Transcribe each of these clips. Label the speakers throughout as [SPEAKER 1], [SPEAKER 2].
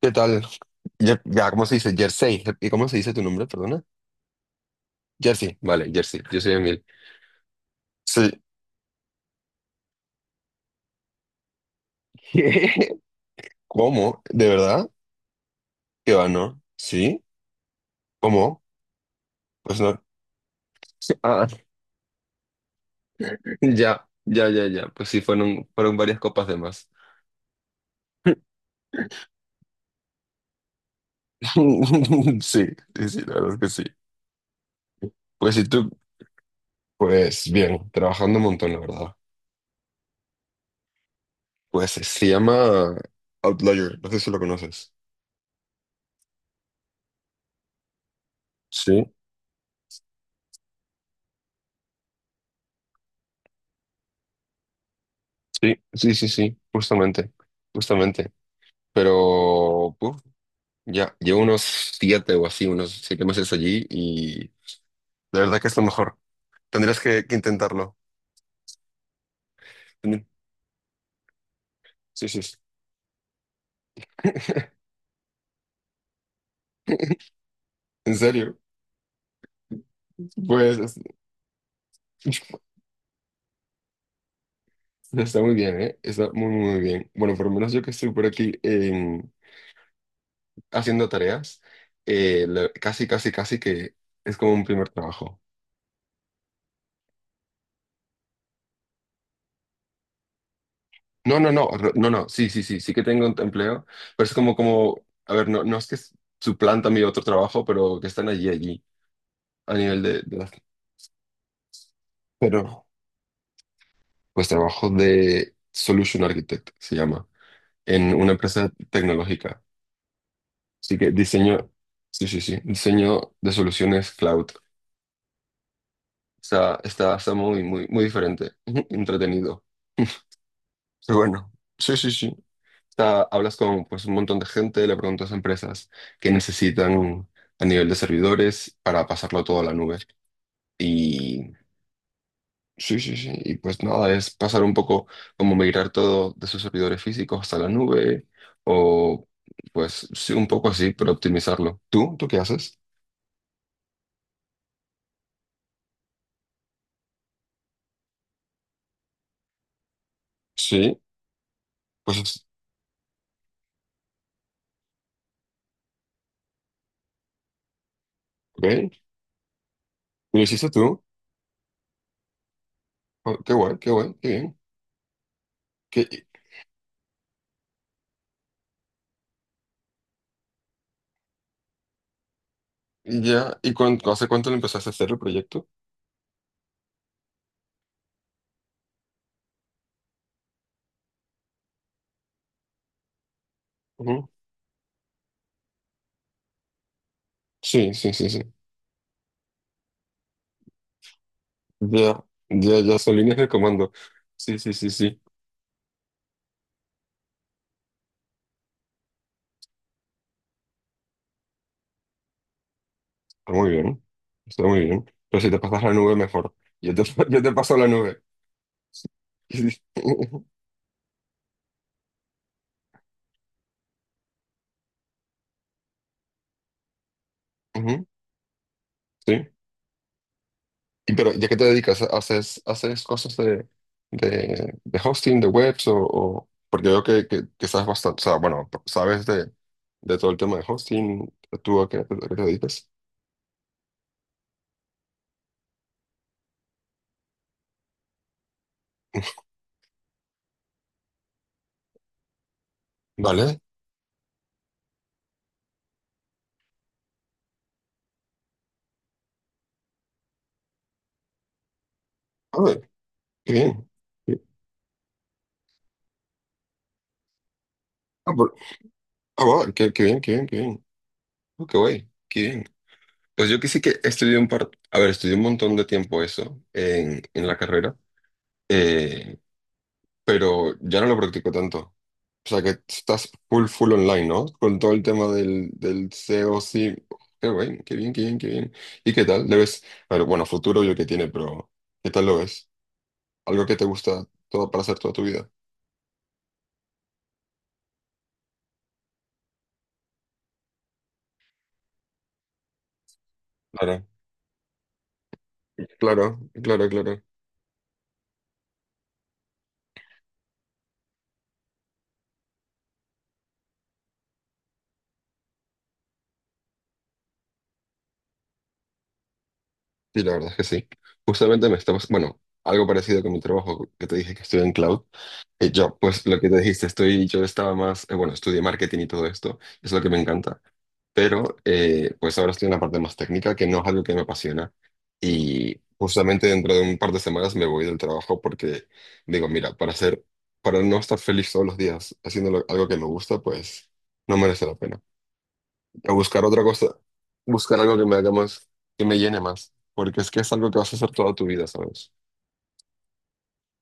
[SPEAKER 1] ¿Qué tal? Ya, ¿cómo se dice? Jersey. ¿Y cómo se dice tu nombre? Perdona. Jersey. Vale, Jersey. Yo soy Emil. Sí. ¿Cómo? ¿De verdad? ¿Qué va, no? ¿Sí? ¿Cómo? Pues no. Ah, ya, ya, ya, ya. Pues sí, fueron varias copas de más. Sí, sí, sí, la verdad es que sí. Pues sí, tú, pues bien, trabajando un montón, la verdad. Pues se llama Outlier, no sé si lo conoces. Sí, sí, sí, sí, sí, justamente, justamente. Pero puf, ya, llevo unos siete o así, unos 7 meses allí y de verdad que es lo mejor. Tendrías que intentarlo. Tendr- Sí, sí. Sí. En serio, pues es- está muy bien, ¿eh? Está muy, muy, muy bien. Bueno, por lo menos yo que estoy por aquí haciendo tareas, casi, casi, casi que es como un primer trabajo. No, no, no, no, no, sí, sí, sí, sí que tengo un empleo, pero es como, a ver, no, no es que suplanta mi otro trabajo, pero que están allí, allí. A nivel de las- Pero pues trabajo de Solution Architect, se llama, en una empresa tecnológica. Así que diseño, sí, sí, sí, diseño de soluciones cloud. Está muy, muy, muy diferente, entretenido. Pero bueno, sí, sí, sí. Hablas con pues, un montón de gente, le preguntas a empresas qué necesitan a nivel de servidores para pasarlo todo a la nube. Y sí, sí, sí. Y pues nada, es pasar un poco como migrar todo de sus servidores físicos hasta la nube o pues sí, un poco así, pero optimizarlo. ¿Tú? ¿Tú qué haces? Sí, pues es- ok. ¿Lo hiciste tú? Oh, qué guay, qué guay, qué bien. ¿Qué, ya, ¿hace cuánto lo empezaste a hacer el proyecto? Ujú. Sí, sí, sí, sí. Ya, ya, ya son líneas de comando. Sí, sí, sí, sí. Está muy bien. Está muy bien. Pero si te pasas la nube, mejor. Yo te, yo te paso la nube. Ujú, sí. Y pero ¿ya qué te dedicas? ¿Haces cosas de hosting, de webs porque veo que sabes bastante, o sea, bueno, sabes de todo el tema de hosting, ¿tú a qué te dedicas? Vale. A ver, qué bien. Sí. Ah, ah, wow, qué bien, qué bien, qué bien. Oh, qué guay, qué bien. Pues yo que sí que estudié un par, a ver, estudié un montón de tiempo eso en la carrera, eh, pero ya no lo practico tanto. O sea que estás full, full online, ¿no? Con todo el tema del SEO, sí. Qué bien, qué bien, qué bien, qué bien. ¿Y qué tal? ¿Le ves? A ver, bueno, futuro yo que tiene, pero ¿qué tal lo ves? Algo que te gusta todo para hacer toda tu vida. Claro, claro, claro, claro. Sí, la verdad es que sí. Justamente me estabas, bueno, algo parecido con mi trabajo, que te dije que estoy en cloud. Y yo, pues lo que te dijiste, estoy, yo estaba más, bueno, estudié marketing y todo esto, es lo que me encanta. Pero pues ahora estoy en la parte más técnica, que no es algo que me apasiona. Y justamente dentro de un par de semanas me voy del trabajo porque digo, mira, para no estar feliz todos los días haciendo algo que me gusta, pues no merece la pena. A buscar otra cosa, buscar algo que me haga más, que me llene más, porque es que es algo que vas a hacer toda tu vida, ¿sabes?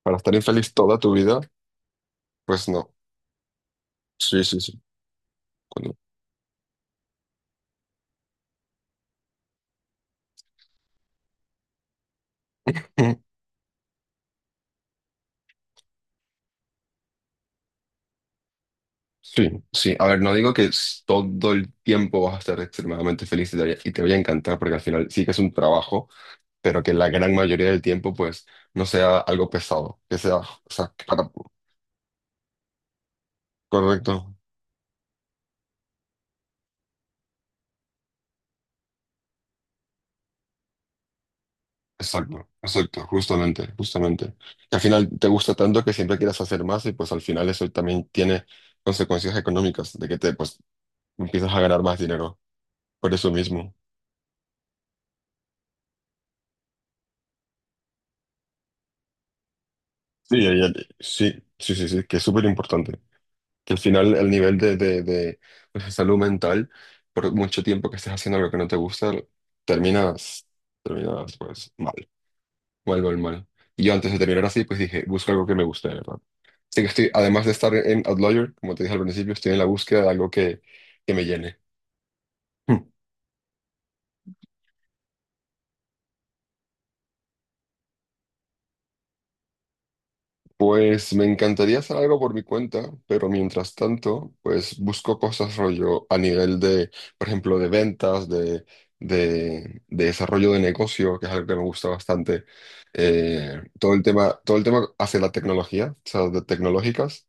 [SPEAKER 1] Para estar infeliz toda tu vida, pues no. Sí, sí, sí. Cuando- Sí, sí. A ver, no digo que todo el tiempo vas a estar extremadamente feliz y te, y te vaya a encantar, porque al final sí que es un trabajo, pero que la gran mayoría del tiempo, pues, no sea algo pesado, que sea, o sea, correcto, exacto, exacto, justamente, justamente. Que al final te gusta tanto que siempre quieras hacer más y pues al final eso también tiene consecuencias económicas, de que te, pues, empiezas a ganar más dinero por eso mismo. Sí, sí, sí, sí, sí, que es súper importante. Que al final el nivel de, pues, de salud mental, por mucho tiempo que estés haciendo algo que no te gusta, terminas, terminas pues mal, mal mal mal. Y yo antes de terminar así, pues dije, busco algo que me guste, de ¿verdad? Así que estoy, además de estar en Outlier, como te dije al principio, estoy en la búsqueda de algo que me llene. Hmm. Pues me encantaría hacer algo por mi cuenta, pero mientras tanto, pues busco cosas rollo a nivel de, por ejemplo, de ventas, de desarrollo de negocio, que es algo que me gusta bastante. Todo el tema hacia la tecnología, o sea, de tecnológicas.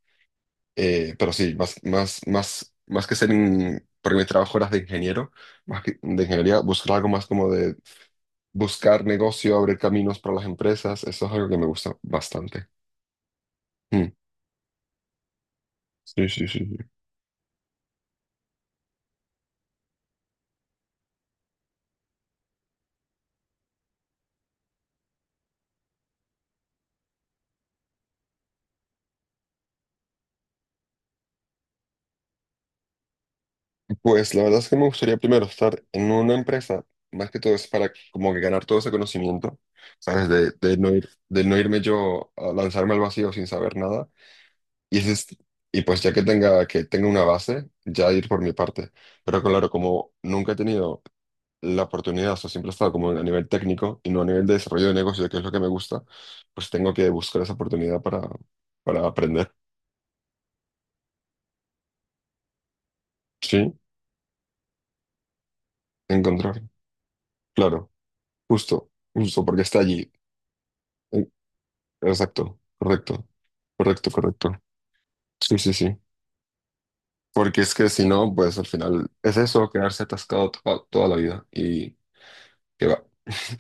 [SPEAKER 1] Pero sí, más, más, más, más que ser, porque mi trabajo era de ingeniero, más que de ingeniería, buscar algo más como de buscar negocio, abrir caminos para las empresas, eso es algo que me gusta bastante. Hmm. Sí, sí, sí. Sí. Pues la verdad es que me gustaría primero estar en una empresa, más que todo es para como que ganar todo ese conocimiento, ¿sabes? De no irme yo a lanzarme al vacío sin saber nada. Y, ese es- y pues ya que tenga, una base, ya ir por mi parte. Pero claro, como nunca he tenido la oportunidad, o sea, siempre he estado como a nivel técnico y no a nivel de desarrollo de negocio, que es lo que me gusta, pues tengo que buscar esa oportunidad para aprender, ¿sí? Encontrar, claro, justo, justo, porque está allí. Eh, Exacto, correcto, correcto, correcto. Sí, sí, sí. Porque es que si no, pues al final es eso, quedarse atascado toda la vida. Y que va.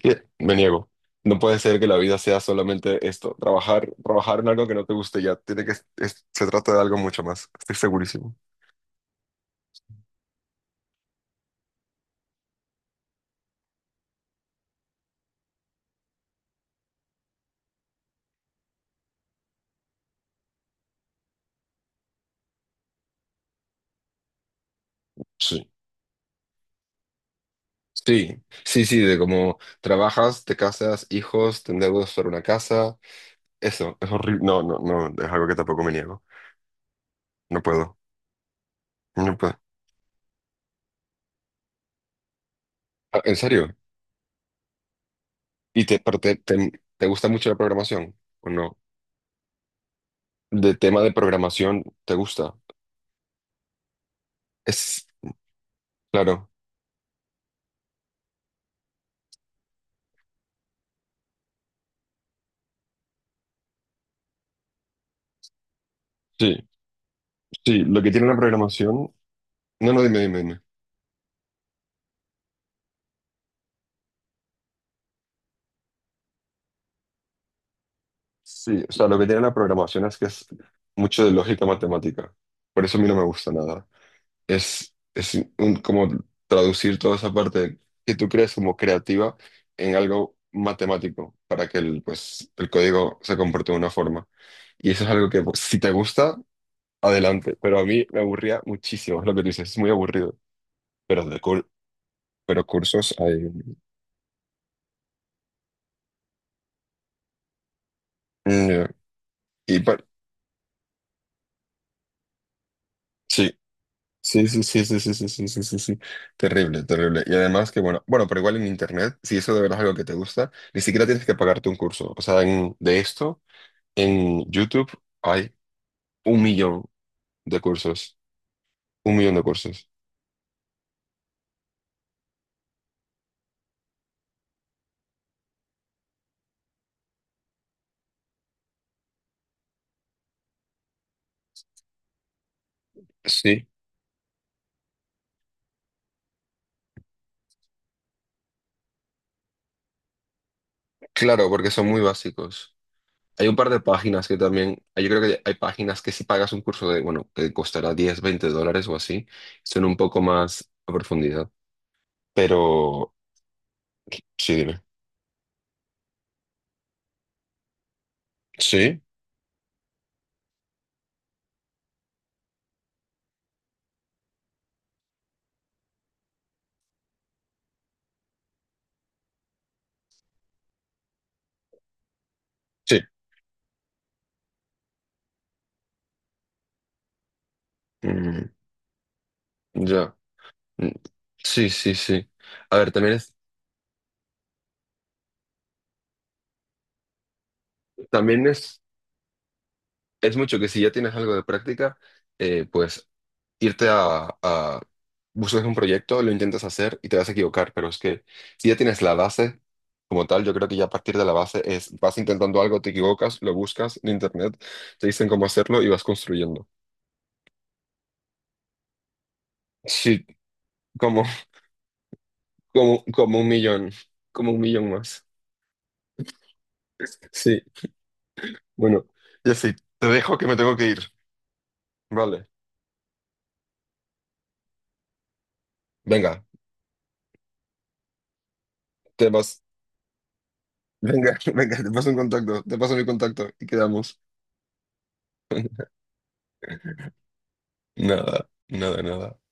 [SPEAKER 1] Que me niego. No puede ser que la vida sea solamente esto, trabajar, trabajar en algo que no te guste ya. Se trata de algo mucho más. Estoy segurísimo. Sí. Sí, sí, sí, de cómo trabajas, te casas, hijos, te endeudas para una casa. Eso, es horrible. No, no, no, es algo que tampoco me niego. No puedo. No puedo. Ah, ¿en serio? ¿Y te, pero te- te gusta mucho la programación o no? De tema de programación, ¿te gusta? Es, claro, sí, sí, lo que tiene la programación, no, no, dime, dime, dime. Sí, o sea, lo que tiene la programación es que es mucho de lógica matemática, por eso a mí no me gusta nada. Como traducir toda esa parte que tú crees como creativa en algo matemático para que el, pues, el código se comporte de una forma. Y eso es algo que, pues, si te gusta adelante, pero a mí me aburría muchísimo es lo que tú dices, es muy aburrido, pero de cur- pero cursos hay. Mm, ya. Y pa- sí, sí, sí, sí, sí, sí, sí, sí, sí, sí, sí. Terrible, terrible. Y además que bueno, bueno, pero igual en internet, si eso de verdad es algo que te gusta, ni siquiera tienes que pagarte un curso. O sea, de esto, en YouTube hay un millón de cursos, un millón de cursos. Sí, claro, porque son muy básicos. Hay un par de páginas que también, yo creo que hay páginas que si pagas un curso de, bueno, que costará 10, 20 dólares o así, son un poco más a profundidad. Pero, sí, dime. ¿Sí? Sí. Mm, ya. Mm, sí, sí, sí. A ver, también es mucho que si ya tienes algo de práctica, pues irte buscas un proyecto, lo intentas hacer y te vas a equivocar, pero es que si ya tienes la base como tal, yo creo que ya a partir de la base es, vas intentando algo, te equivocas, lo buscas en internet, te dicen cómo hacerlo y vas construyendo. Sí, como, como un millón, como un millón más. Sí, bueno, ya sí, te dejo que me tengo que ir. Vale, venga, te vas, venga, venga, te paso un contacto, te paso mi contacto y quedamos. Nada, nada, nada.